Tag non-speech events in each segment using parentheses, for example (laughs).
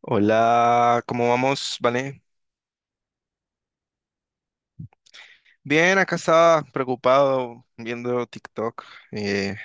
Hola, ¿cómo vamos? Vale. Bien, acá estaba preocupado viendo TikTok. Eh,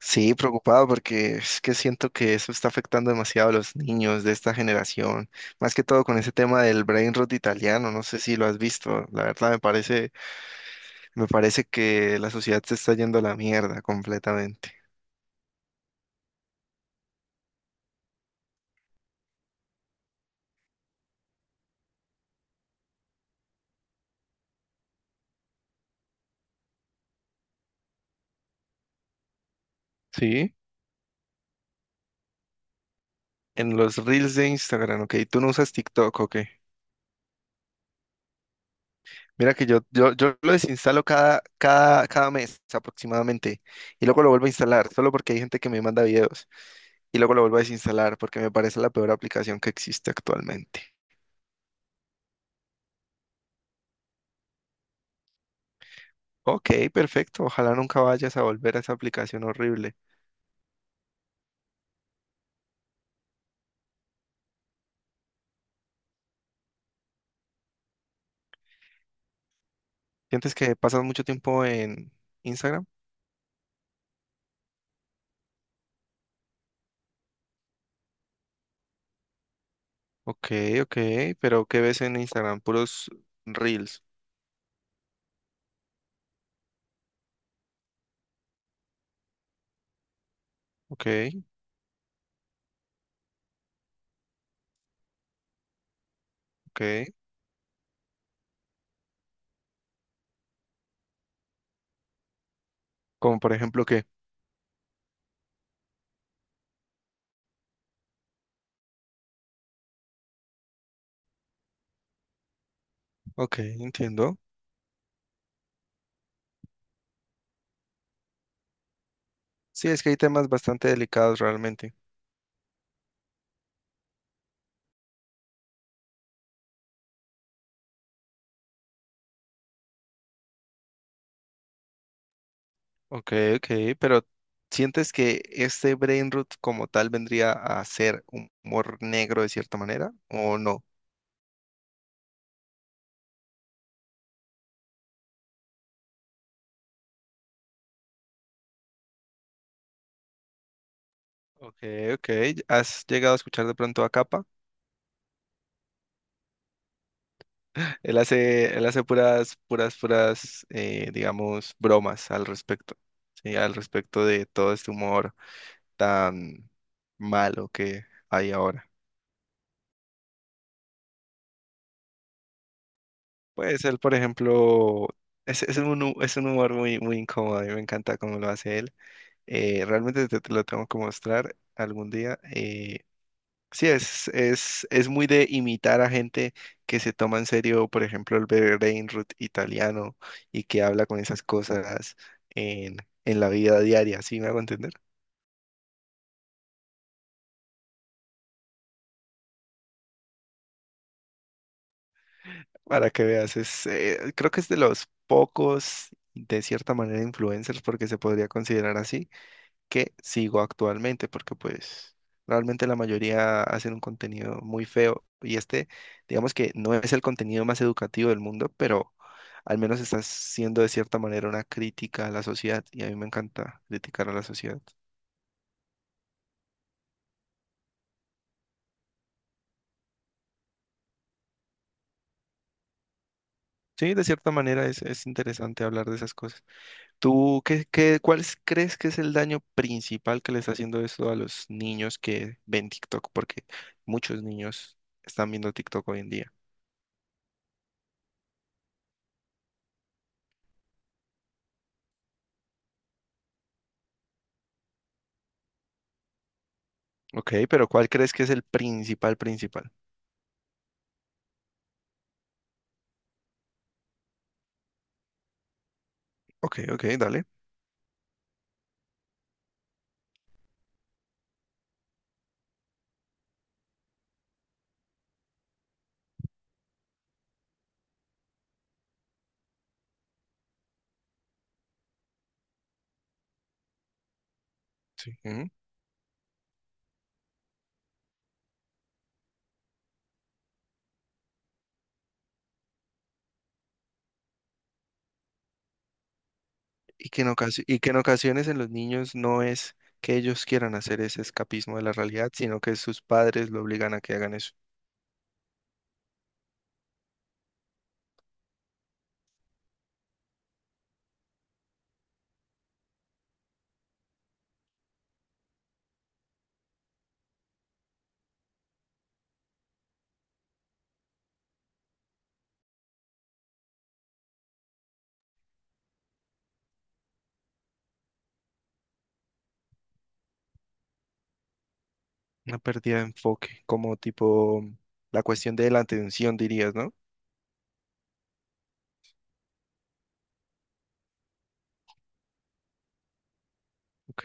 sí, preocupado porque es que siento que eso está afectando demasiado a los niños de esta generación. Más que todo con ese tema del brain rot italiano. No sé si lo has visto. La verdad me parece que la sociedad se está yendo a la mierda completamente. Sí. En los reels de Instagram, ok. ¿Tú no usas TikTok, ok? Mira que yo lo desinstalo cada mes aproximadamente y luego lo vuelvo a instalar, solo porque hay gente que me manda videos y luego lo vuelvo a desinstalar porque me parece la peor aplicación que existe actualmente. Ok, perfecto. Ojalá nunca vayas a volver a esa aplicación horrible. ¿Sientes que pasas mucho tiempo en Instagram? Ok, ok, pero ¿qué ves en Instagram? Puros reels. Ok, ok. Como por ejemplo, ¿qué? Ok, entiendo. Sí, es que hay temas bastante delicados realmente. Ok, ok, pero ¿sientes que este brain rot como tal vendría a ser humor negro de cierta manera o no? Ok, ok, ¿has llegado a escuchar de pronto a Capa? Él hace puras, digamos, bromas al respecto, ¿sí? Al respecto de todo este humor tan malo que hay ahora. Pues él, por ejemplo, es un humor muy, muy incómodo y me encanta cómo lo hace él. Realmente te lo tengo que mostrar algún día. Sí, es muy de imitar a gente que se toma en serio, por ejemplo, el Berenrut italiano y que habla con esas cosas en, en la vida diaria, ¿sí me hago entender? Para que veas, creo que es de los pocos, de cierta manera, influencers, porque se podría considerar así que sigo actualmente, porque pues realmente la mayoría hacen un contenido muy feo y este, digamos que no es el contenido más educativo del mundo, pero al menos está siendo de cierta manera una crítica a la sociedad y a mí me encanta criticar a la sociedad. Sí, de cierta manera es interesante hablar de esas cosas. ¿Tú cuál crees que es el daño principal que le está haciendo esto a los niños que ven TikTok? Porque muchos niños están viendo TikTok hoy en día. Ok, pero ¿cuál crees que es el principal, principal? Ok, ok, dale. Sí. Ujú. Y que y que en ocasiones en los niños no es que ellos quieran hacer ese escapismo de la realidad, sino que sus padres lo obligan a que hagan eso. Una pérdida de enfoque, como tipo la cuestión de la atención, dirías, ¿no? Ok.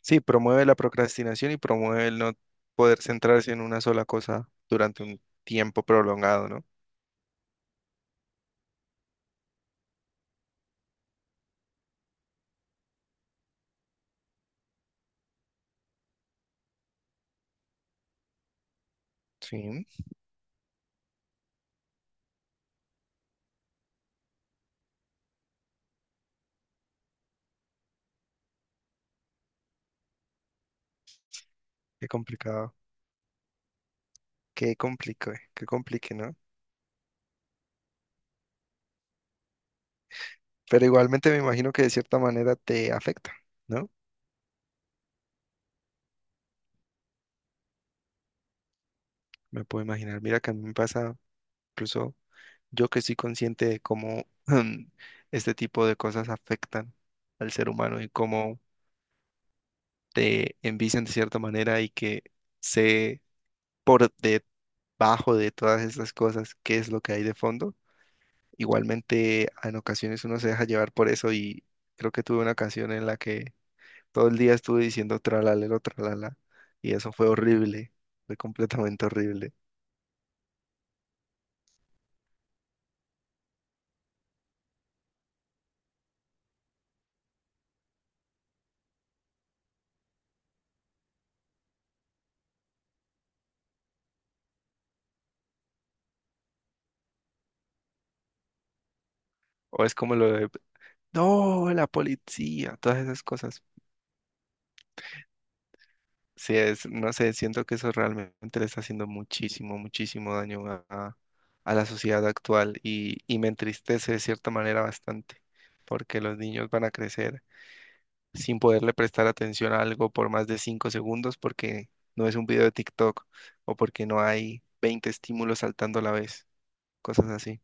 Sí, promueve la procrastinación y promueve el no poder centrarse en una sola cosa durante un tiempo prolongado, ¿no? Sí, qué complicado. Qué complique, ¿no? Pero igualmente me imagino que de cierta manera te afecta, ¿no? Me puedo imaginar. Mira que a mí me pasa, incluso yo que soy consciente de cómo (laughs) este tipo de cosas afectan al ser humano y cómo te envician de cierta manera y que sé por debajo de todas estas cosas qué es lo que hay de fondo. Igualmente, en ocasiones uno se deja llevar por eso y creo que tuve una ocasión en la que todo el día estuve diciendo tralalero, tralala, y eso fue horrible, fue completamente horrible. O es como lo de, no, la policía, todas esas cosas. No sé, siento que eso realmente le está haciendo muchísimo, muchísimo daño a la sociedad actual y me entristece de cierta manera bastante, porque los niños van a crecer sin poderle prestar atención a algo por más de 5 segundos porque no es un video de TikTok o porque no hay 20 estímulos saltando a la vez, cosas así.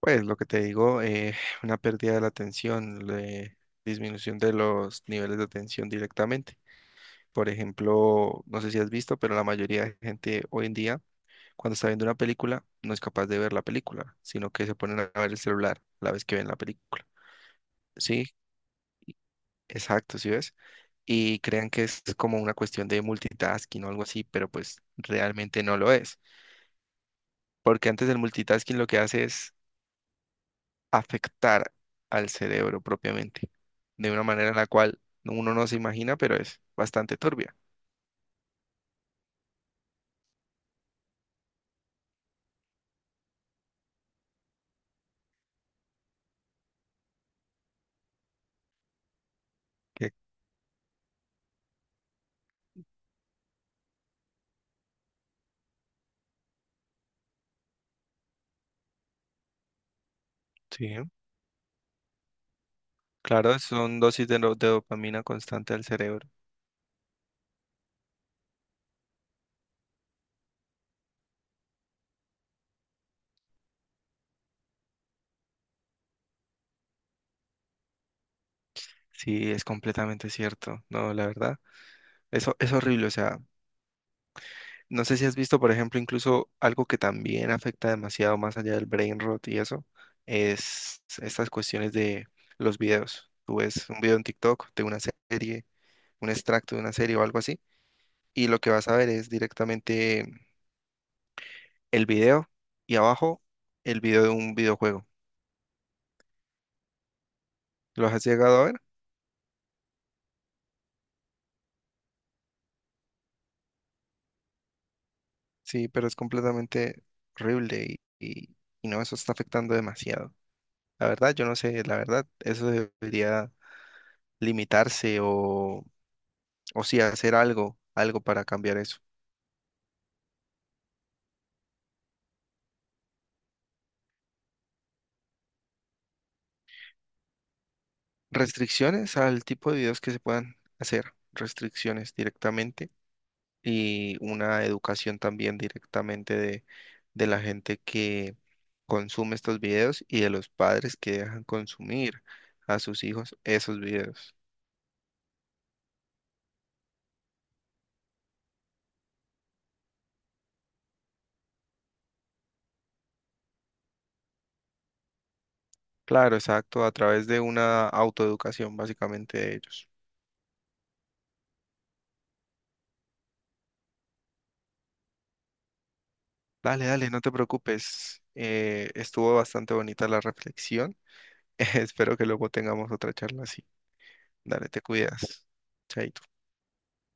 Pues lo que te digo, (laughs) una pérdida de la atención, disminución de los niveles de atención directamente. Por ejemplo, no sé si has visto, pero la mayoría de gente hoy en día, cuando está viendo una película, no es capaz de ver la película, sino que se ponen a ver el celular la vez que ven la película. Sí, exacto, ¿sí ves? Y crean que es como una cuestión de multitasking o algo así, pero pues realmente no lo es. Porque antes el multitasking lo que hace es afectar al cerebro propiamente, de una manera en la cual uno no se imagina, pero es bastante turbia. Que- Sí, claro, son dosis de dopamina constante al cerebro. Sí, es completamente cierto. No, la verdad, eso es horrible. O sea, no sé si has visto, por ejemplo, incluso algo que también afecta demasiado más allá del brain rot y eso, es estas cuestiones de los videos. Tú ves un video en TikTok de una serie, un extracto de una serie o algo así y lo que vas a ver es directamente el video y abajo el video de un videojuego. ¿Lo has llegado a ver? Sí, pero es completamente horrible y no, eso está afectando demasiado. La verdad, yo no sé, la verdad, eso debería limitarse o sí, hacer algo, algo para cambiar eso. Restricciones al tipo de videos que se puedan hacer, restricciones directamente y una educación también directamente de la gente que consume estos videos y de los padres que dejan consumir a sus hijos esos videos. Claro, exacto, a través de una autoeducación básicamente de ellos. Dale, dale, no te preocupes. Estuvo bastante bonita la reflexión. (laughs) Espero que luego tengamos otra charla así. Dale, te cuidas. Chaito.